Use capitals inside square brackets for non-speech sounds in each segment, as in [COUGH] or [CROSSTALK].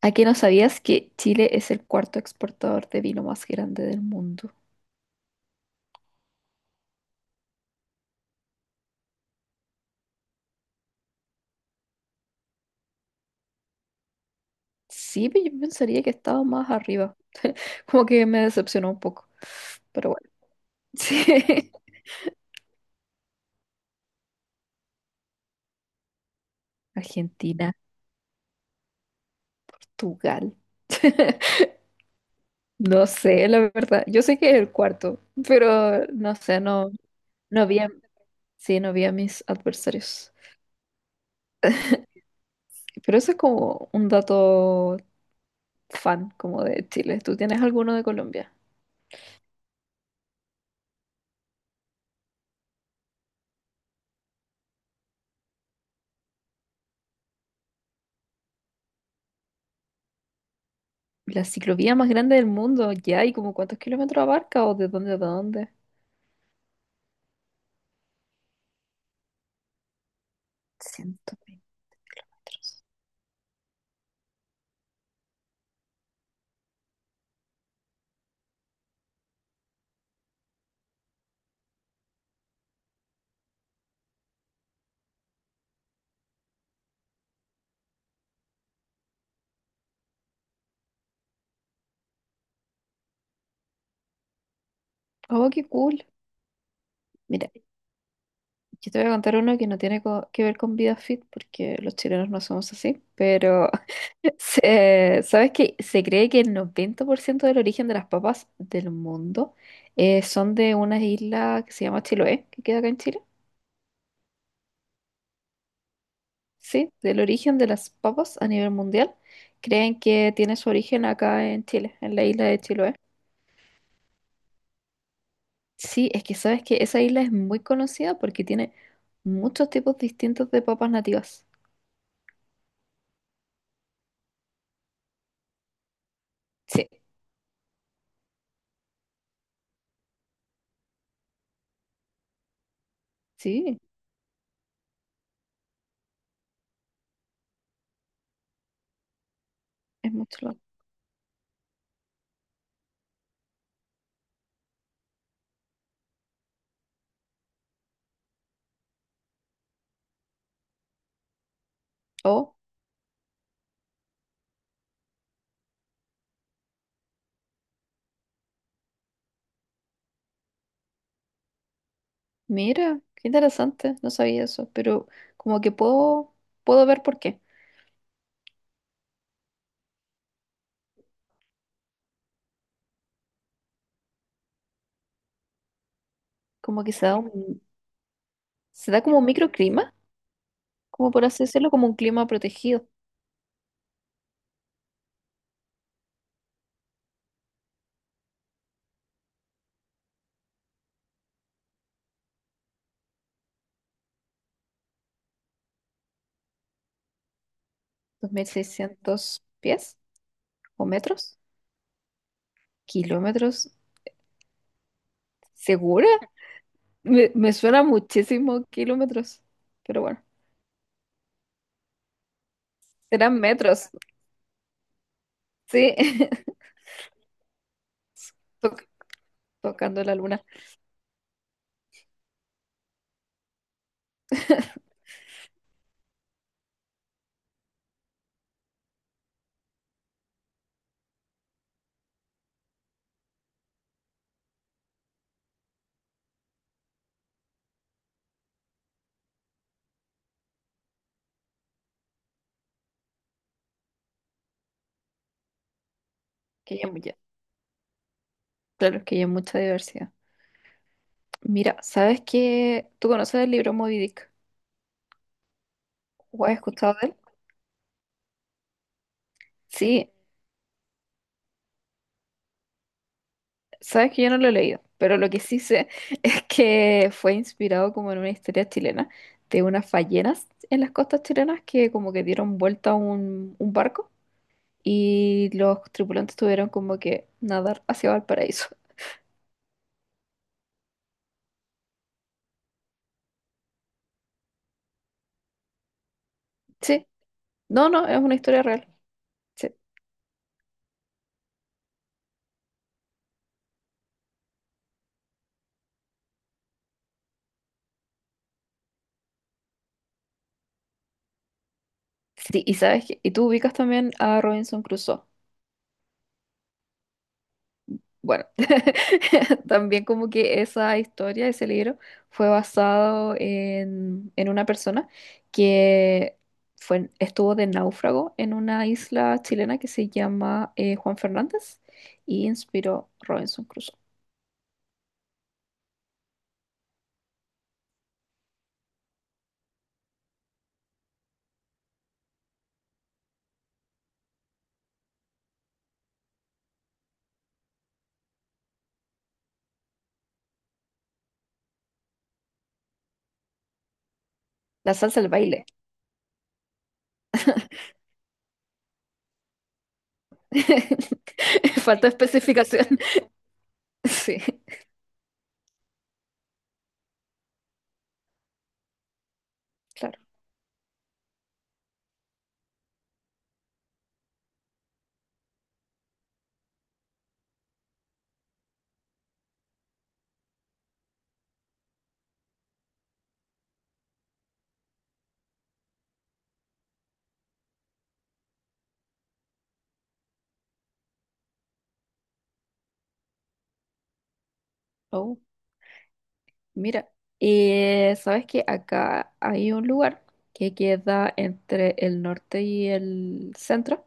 ¿A qué no sabías que Chile es el cuarto exportador de vino más grande del mundo? Sí, pero yo pensaría que estaba más arriba. Como que me decepcionó un poco. Pero bueno, [LAUGHS] sí. Argentina, Portugal. [LAUGHS] No sé, la verdad. Yo sé que es el cuarto, pero no sé, no, no vi a, sí, no vi a mis adversarios. [LAUGHS] Pero eso es como un dato fan como de Chile. ¿Tú tienes alguno de Colombia? La ciclovía más grande del mundo, ya, ¿y como cuántos kilómetros abarca o de dónde a dónde? 120 metros. Oh, qué cool. Mira, yo te voy a contar uno que no tiene que ver con vida fit, porque los chilenos no somos así, pero [LAUGHS] ¿sabes qué? Se cree que el 90% del origen de las papas del mundo son de una isla que se llama Chiloé, que queda acá en Chile. Sí, del origen de las papas a nivel mundial, creen que tiene su origen acá en Chile, en la isla de Chiloé. Sí, es que sabes que esa isla es muy conocida porque tiene muchos tipos distintos de papas nativas. Sí. Sí, es mucho. Lo- Oh, mira, qué interesante, no sabía eso, pero como que puedo, puedo ver por qué. Como que se da un, se da como un microclima, como por así decirlo, como un clima protegido. 2.600 pies o metros, kilómetros, ¿segura? Me suena muchísimo kilómetros, pero bueno, serán metros, sí. [LAUGHS] ¿Tú tocando la luna, que ya, mu- ya- claro, que ya hay mucha diversidad. Mira, ¿sabes que ¿Tú conoces el libro Moby Dick? ¿O has escuchado de él? Sí, sabes que yo no lo he leído, pero lo que sí sé [LAUGHS] es que fue inspirado como en una historia chilena de unas ballenas en las costas chilenas que como que dieron vuelta a un barco y los tripulantes tuvieron como que nadar hacia Valparaíso. Sí, no, no, es una historia real. Sí, sí, y sabes que, y tú ubicas también a Robinson Crusoe. Bueno, [LAUGHS] también como que esa historia, ese libro, fue basado en una persona que estuvo de náufrago en una isla chilena que se llama Juan Fernández y inspiró Robinson Crusoe. La salsa al baile. [LAUGHS] Falta especificación. [LAUGHS] Sí, claro. Oh, mira. Sabes que acá hay un lugar que queda entre el norte y el centro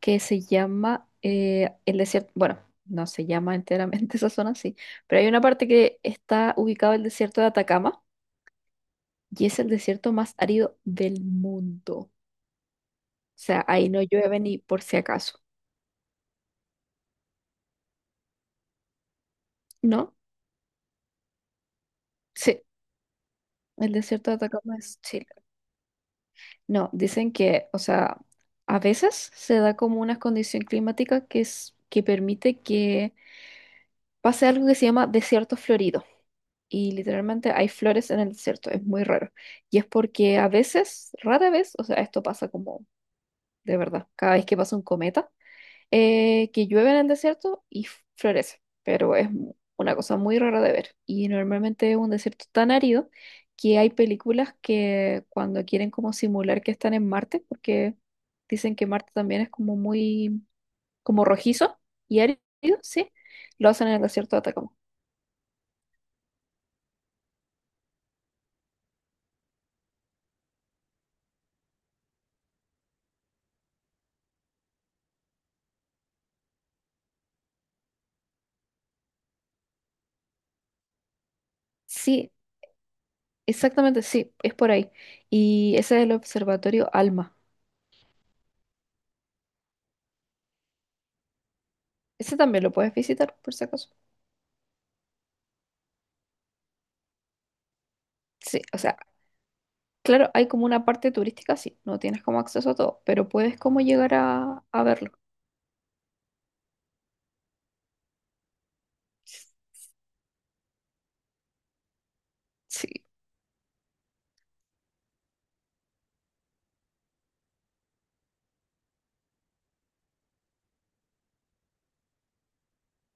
que se llama el desierto, bueno, no se llama enteramente [LAUGHS] esa zona, sí, pero hay una parte que está ubicado el desierto de Atacama y es el desierto más árido del mundo. O sea, ahí no llueve ni por si acaso, ¿no? Sí, el desierto de Atacama es Chile. No, dicen que, o sea, a veces se da como una condición climática que es, que permite que pase algo que se llama desierto florido y literalmente hay flores en el desierto, es muy raro. Y es porque a veces, rara vez, o sea, esto pasa como de verdad, cada vez que pasa un cometa, que llueve en el desierto y f- florece, pero es mu- una cosa muy rara de ver. Y normalmente es un desierto tan árido que hay películas que cuando quieren como simular que están en Marte, porque dicen que Marte también es como muy, como rojizo y árido, sí, lo hacen en el desierto de Atacama. Sí, exactamente, sí, es por ahí. Y ese es el Observatorio Alma. Ese también lo puedes visitar, por si acaso. Sí, o sea, claro, hay como una parte turística, sí, no tienes como acceso a todo, pero puedes como llegar a verlo. Sí,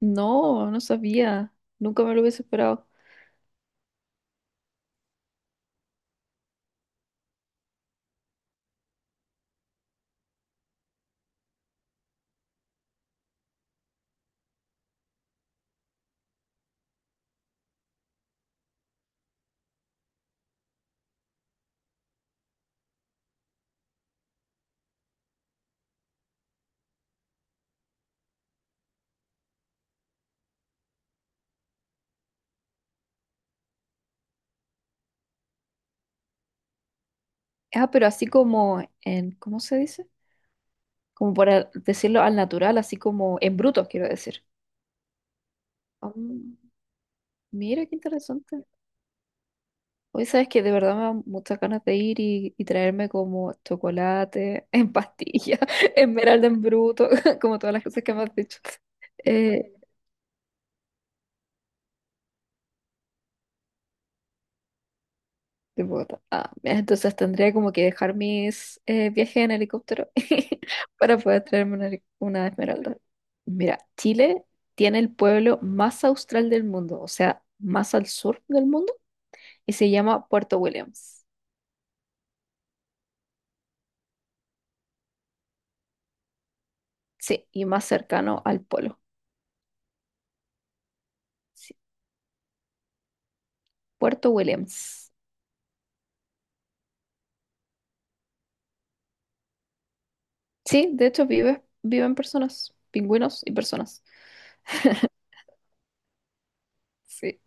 no, no sabía, nunca me lo hubiese esperado. Ah, pero así como en, ¿cómo se dice? Como por decirlo al natural, así como en bruto, quiero decir. Ah, mira, qué interesante. Hoy sabes que de verdad me dan muchas ganas de ir y traerme como chocolate en pastilla, [LAUGHS] esmeralda en bruto, [LAUGHS] como todas las cosas que me has dicho. Eh, de Bogotá. Ah, mira, entonces tendría como que dejar mis viajes en helicóptero [LAUGHS] para poder traerme una, heli- una esmeralda. Mira, Chile tiene el pueblo más austral del mundo, o sea, más al sur del mundo, y se llama Puerto Williams. Sí, y más cercano al polo. Sí, Puerto Williams. Sí, de hecho viven personas, pingüinos y personas. Sí,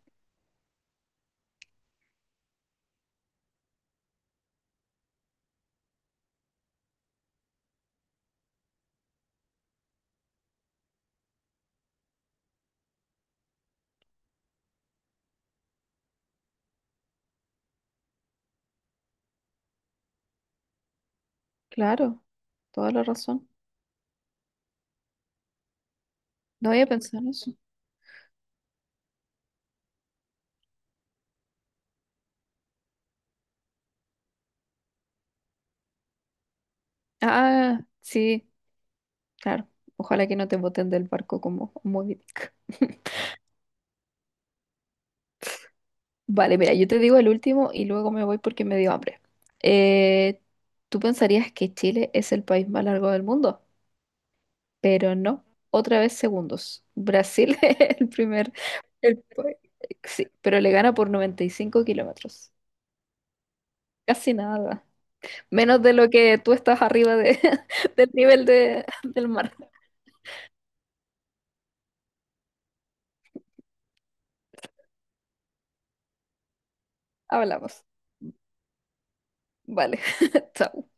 claro, toda la razón. No había pensado en eso. Ah, sí, claro. Ojalá que no te boten del barco como Moby Dick. [LAUGHS] Vale, mira, yo te digo el último y luego me voy porque me dio hambre. Eh, tú pensarías que Chile es el país más largo del mundo, pero no. Otra vez segundos. Brasil [LAUGHS] es el primer, el, pa- sí, pero le gana por 95 kilómetros. Casi nada. Menos de lo que tú estás arriba de, [LAUGHS] del nivel del mar. Hablamos. Vale, [LAUGHS] chao.